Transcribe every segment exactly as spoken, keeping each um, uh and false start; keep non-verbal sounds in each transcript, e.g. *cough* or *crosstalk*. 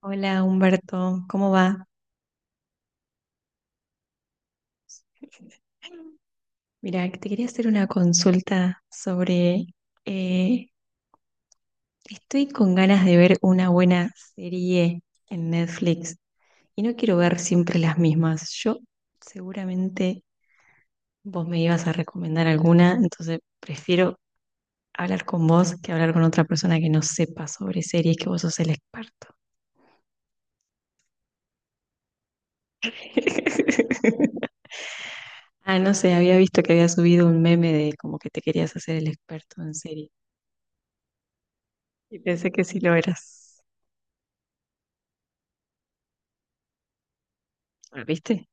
Hola Humberto, ¿cómo va? Mira, te quería hacer una consulta sobre. eh, Estoy con ganas de ver una buena serie en Netflix y no quiero ver siempre las mismas. Yo seguramente vos me ibas a recomendar alguna, entonces prefiero hablar con vos que hablar con otra persona que no sepa sobre series, que vos sos el experto. *laughs* Ah, no sé, había visto que había subido un meme de como que te querías hacer el experto en series. Y pensé que sí lo eras. Ah, ¿viste?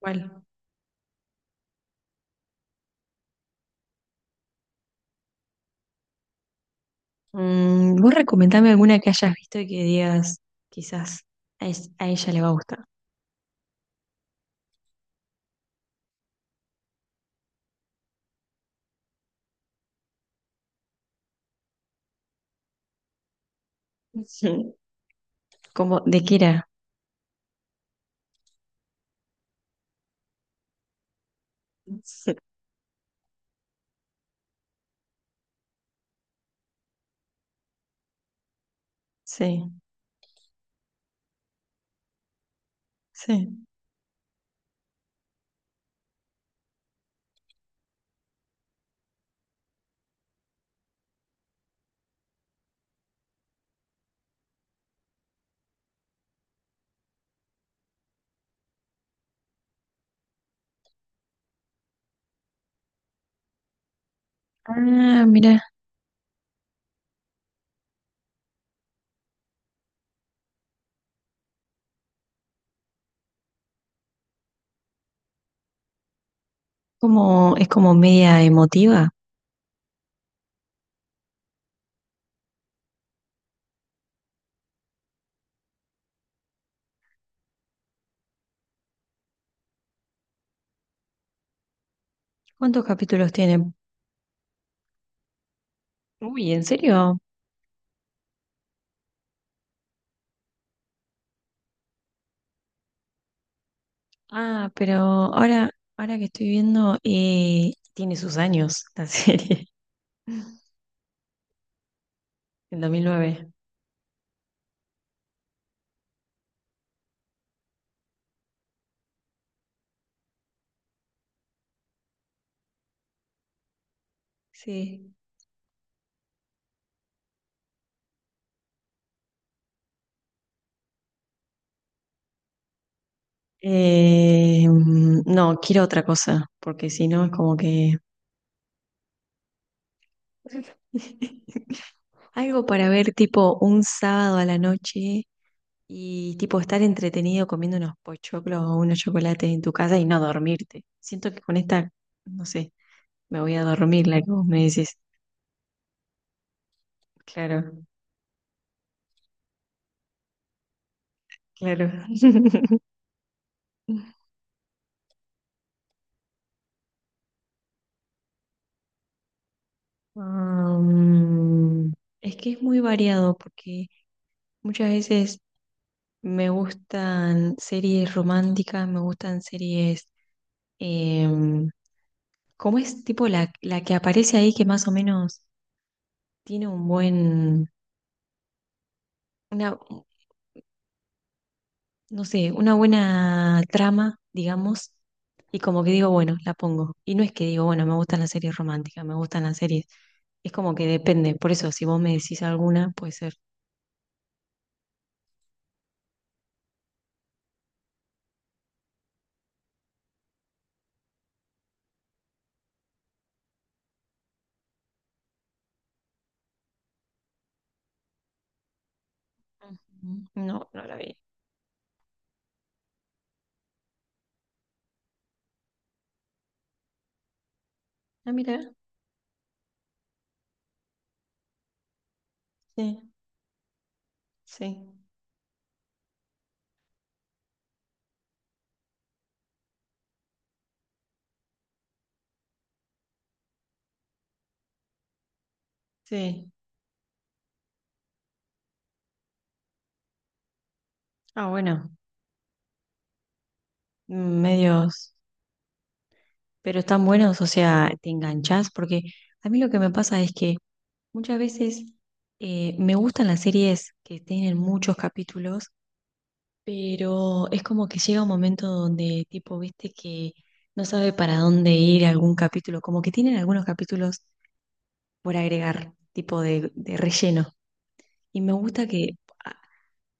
Bueno, mm, vos recomendame alguna que hayas visto y que digas, quizás a, es- a ella le va a gustar. *laughs* Ujú. Como, ¿de qué era? *laughs* Sí, sí, sí. Ah, mira, como, es como media emotiva. ¿Cuántos capítulos tiene? Uy, ¿en serio? Ah, pero ahora, ahora que estoy viendo, eh, tiene sus años la serie. *laughs* En dos mil nueve. Sí. Eh, no, quiero otra cosa, porque si no es como que. *laughs* Algo para ver tipo un sábado a la noche y tipo estar entretenido comiendo unos pochoclos o unos chocolates en tu casa y no dormirte. Siento que con esta, no sé, me voy a dormir, la que vos me decís. Claro, claro. *laughs* Um, es que es muy variado porque muchas veces me gustan series románticas, me gustan series em, como es tipo la, la que aparece ahí que más o menos tiene un buen, una, no sé, una buena trama, digamos, y como que digo, bueno, la pongo. Y no es que digo, bueno, me gustan las series románticas, me gustan las series. Es como que depende. Por eso, si vos me decís alguna, puede ser. Ujú. No, no la vi. Ah, mira, sí, sí, sí. Ah, bueno, medios. Pero están buenos, o sea, te enganchás, porque a mí lo que me pasa es que muchas veces eh, me gustan las series que tienen muchos capítulos, pero es como que llega un momento donde tipo, viste que no sabe para dónde ir algún capítulo, como que tienen algunos capítulos por agregar, tipo de, de relleno. Y me gusta que.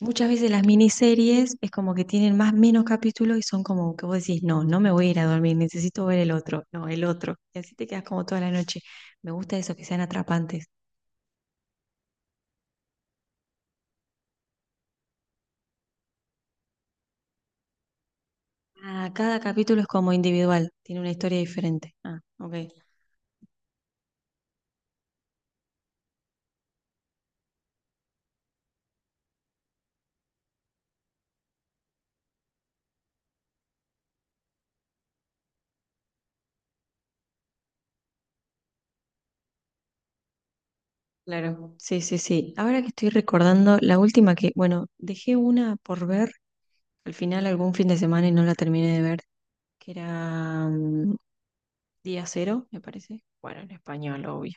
Muchas veces las miniseries es como que tienen más menos capítulos y son como que vos decís, no, no me voy a ir a dormir, necesito ver el otro, no, el otro. Y así te quedas como toda la noche. Me gusta eso, que sean atrapantes. Ah, cada capítulo es como individual, tiene una historia diferente. Ah, ok, claro. Sí, sí, sí. Ahora que estoy recordando, la última que, bueno, dejé una por ver al final algún fin de semana y no la terminé de ver, que era mm, Día Cero, me parece. Bueno, en español, obvio.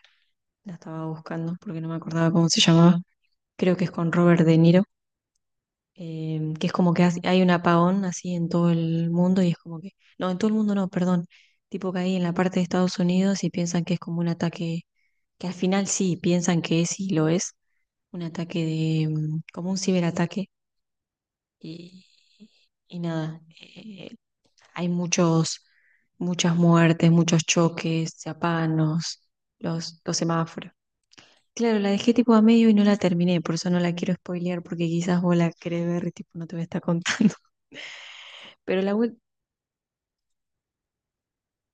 La estaba buscando porque no me acordaba cómo se llamaba. Creo que es con Robert De Niro, em, que es como que hace- hay un apagón así en todo el mundo y es como que, no, en todo el mundo no, perdón, tipo que hay en la parte de Estados Unidos y piensan que es como un ataque, que al final sí, piensan que es y lo es, un ataque de, mm, como un ciberataque y, y nada, eh, hay muchos, muchas muertes, muchos choques, se apagan los, los, los semáforos. Claro, la dejé tipo a medio y no la terminé, por eso no la quiero spoilear, porque quizás vos la querés ver y tipo no te voy a estar contando. *laughs* Pero la web,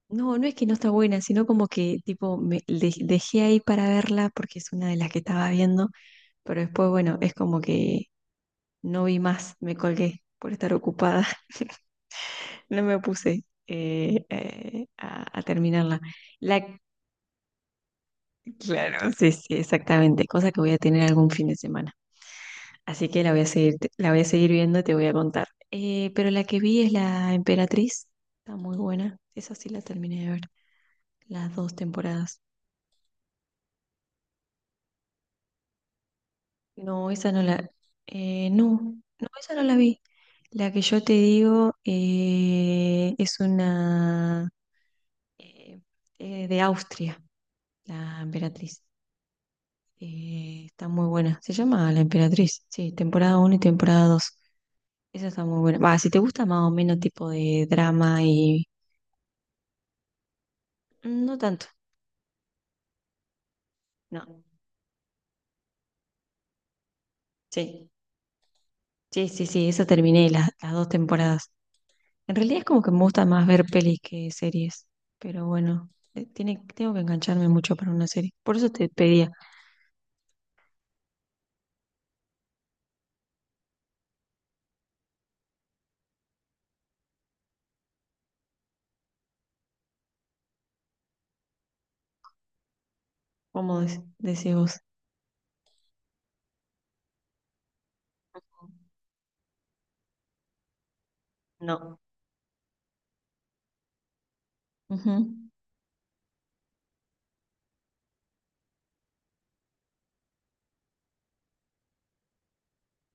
no, no es que no está buena, sino como que tipo me de- dejé ahí para verla porque es una de las que estaba viendo, pero después, bueno, es como que no vi más, me colgué por estar ocupada, *laughs* no me puse eh, eh, a, a terminarla. La, claro, sí, sí, exactamente, cosa que voy a tener algún fin de semana. Así que la voy a seguir, la voy a seguir viendo y te voy a contar. Eh, pero la que vi es la Emperatriz. Está muy buena. Esa sí la terminé de ver. Las dos temporadas. No, esa no la. Eh, no, no, esa no la vi. La que yo te digo eh, es una eh, eh, de Austria, la Emperatriz. Eh, está muy buena. Se llama La Emperatriz. Sí, temporada uno y temporada dos. Esa está muy buena. Va, si te gusta más o menos tipo de drama y. mm, No tanto. No. Sí, sí, sí, sí, eso terminé las, las dos temporadas. En realidad es como que me gusta más ver pelis que series, pero bueno, eh, tiene, tengo que engancharme mucho para una serie. Por eso te pedía, ¿cómo de- decís vos? No. Ujú.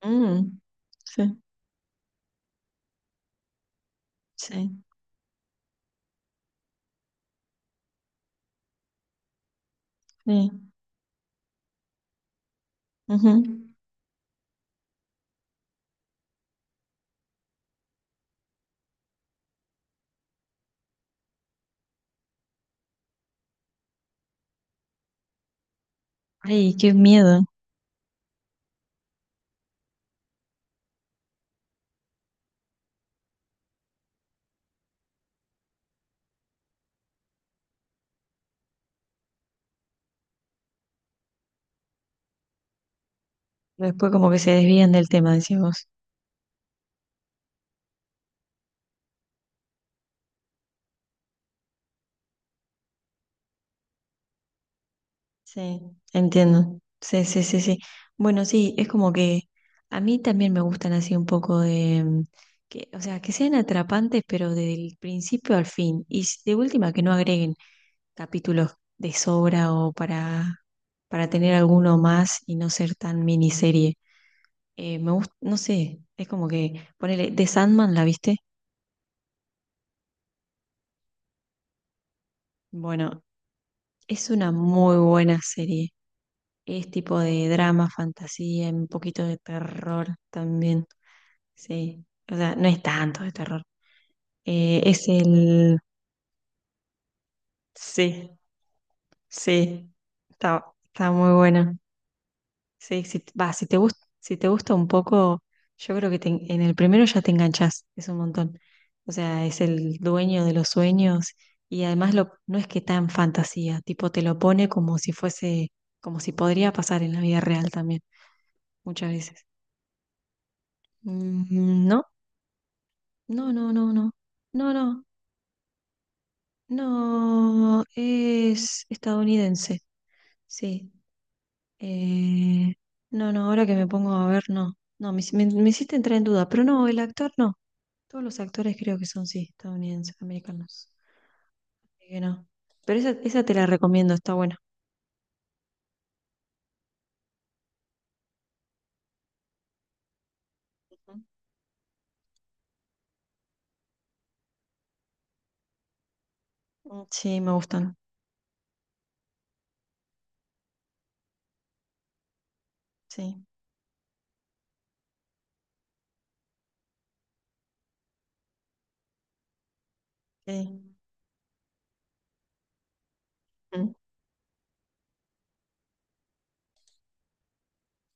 Mm, sí, sí, sí. Ujú. Ay, qué miedo. Después como que se desvían del tema, decís vos. Sí, entiendo. Sí, sí, sí, sí. Bueno, sí, es como que a mí también me gustan así un poco de, mm, que, o sea, que sean atrapantes, pero del principio al fin. Y s- de última, que no agreguen capítulos de sobra o para, para, tener alguno más y no ser tan miniserie. Eh, me gusta, no sé, es como que, ponele, The Sandman, ¿la viste? Bueno, es una muy buena serie. Es tipo de drama, fantasía, un poquito de terror también. Sí. O sea, no es tanto de terror. Eh, es el. Sí, sí. Está, está muy bueno. Sí, si, va, si te gusta, si te gusta un poco, yo creo que te en en el primero ya te enganchas es un montón. O sea, es el dueño de los sueños y además lo, no es que tan fantasía, tipo te lo pone como si fuese, como si podría pasar en la vida real también, muchas veces. Mm, ¿no? No, no, no, no. No, no, no. Es estadounidense. Sí. Eh, no, no, ahora que me pongo a ver, no. No, me, hici- me- me hiciste entrar en duda. Pero no, el actor no. Todos los actores creo que son, sí, estadounidenses, americanos. Así que no. Pero esa, esa te la recomiendo, está buena. Ujú. Sí, me gustan. Sí. Sí. Mm.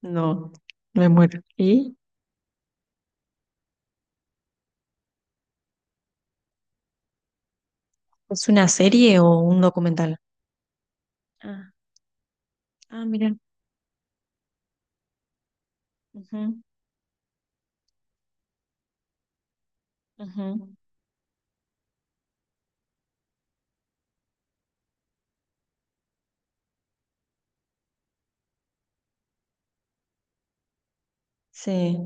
No, me muero. ¿Y? ¿Es una serie o un documental? Ah, ah, mira. Ujú, ujú. Sí.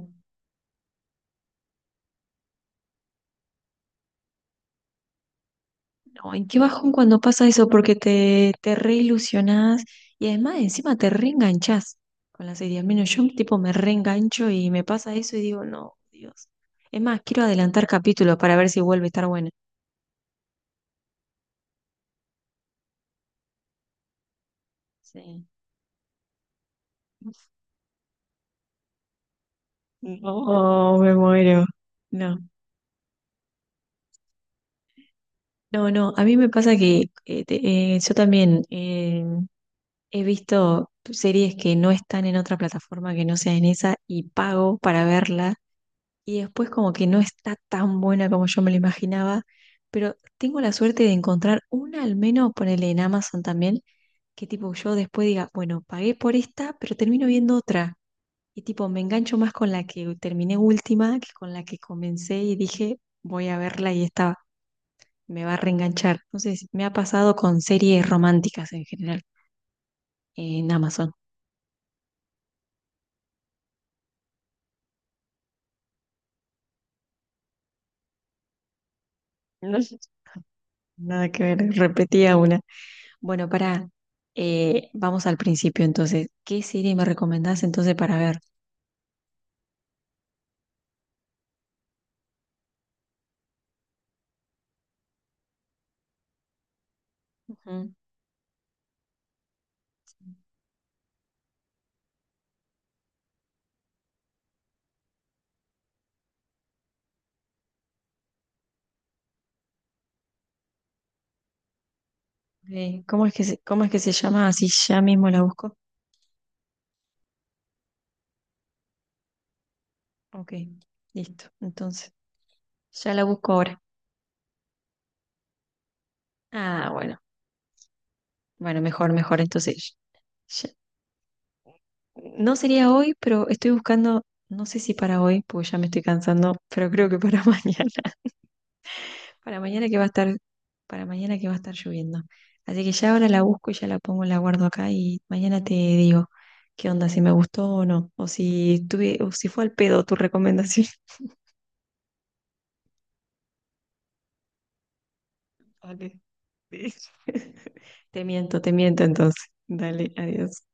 Ay, qué bajón cuando pasa eso, porque te, te reilusionás y además encima te reenganchás con la serie. Al menos yo tipo me reengancho y me pasa eso y digo, no, Dios. Es más, quiero adelantar capítulos para ver si vuelve a estar buena. Sí. No, me muero. No, no, no. A mí me pasa que eh, te- eh, yo también eh, he visto series que no están en otra plataforma que no sea en esa y pago para verlas y después como que no está tan buena como yo me lo imaginaba, pero tengo la suerte de encontrar una al menos, ponele en Amazon también, que tipo yo después diga, bueno, pagué por esta, pero termino viendo otra. Y tipo, me engancho más con la que terminé última que con la que comencé y dije, voy a verla y esta me va a reenganchar. Entonces, me ha pasado con series románticas en general en Amazon. *laughs* No sé. Nada que ver, repetía una. Bueno, para, eh, vamos al principio entonces. ¿Qué serie me recomendás entonces para ver? Ujú. Ok, ¿Cómo es que se, cómo es que se llama? Así ya mismo la busco. Ok, listo. Entonces, ya la busco ahora. Ah, bueno, bueno, mejor, mejor. Entonces, ya- no sería hoy, pero estoy buscando, no sé si para hoy, porque ya me estoy cansando, pero creo que para *laughs* mañana. Para mañana que va a estar, para mañana que va a estar lloviendo. Así que ya ahora la busco y ya la pongo, la guardo acá y mañana te digo qué onda, si me gustó o no, o si tuve, o si fue al pedo tu recomendación. *laughs* Vale. *laughs* Te miento, te miento entonces. Dale, adiós.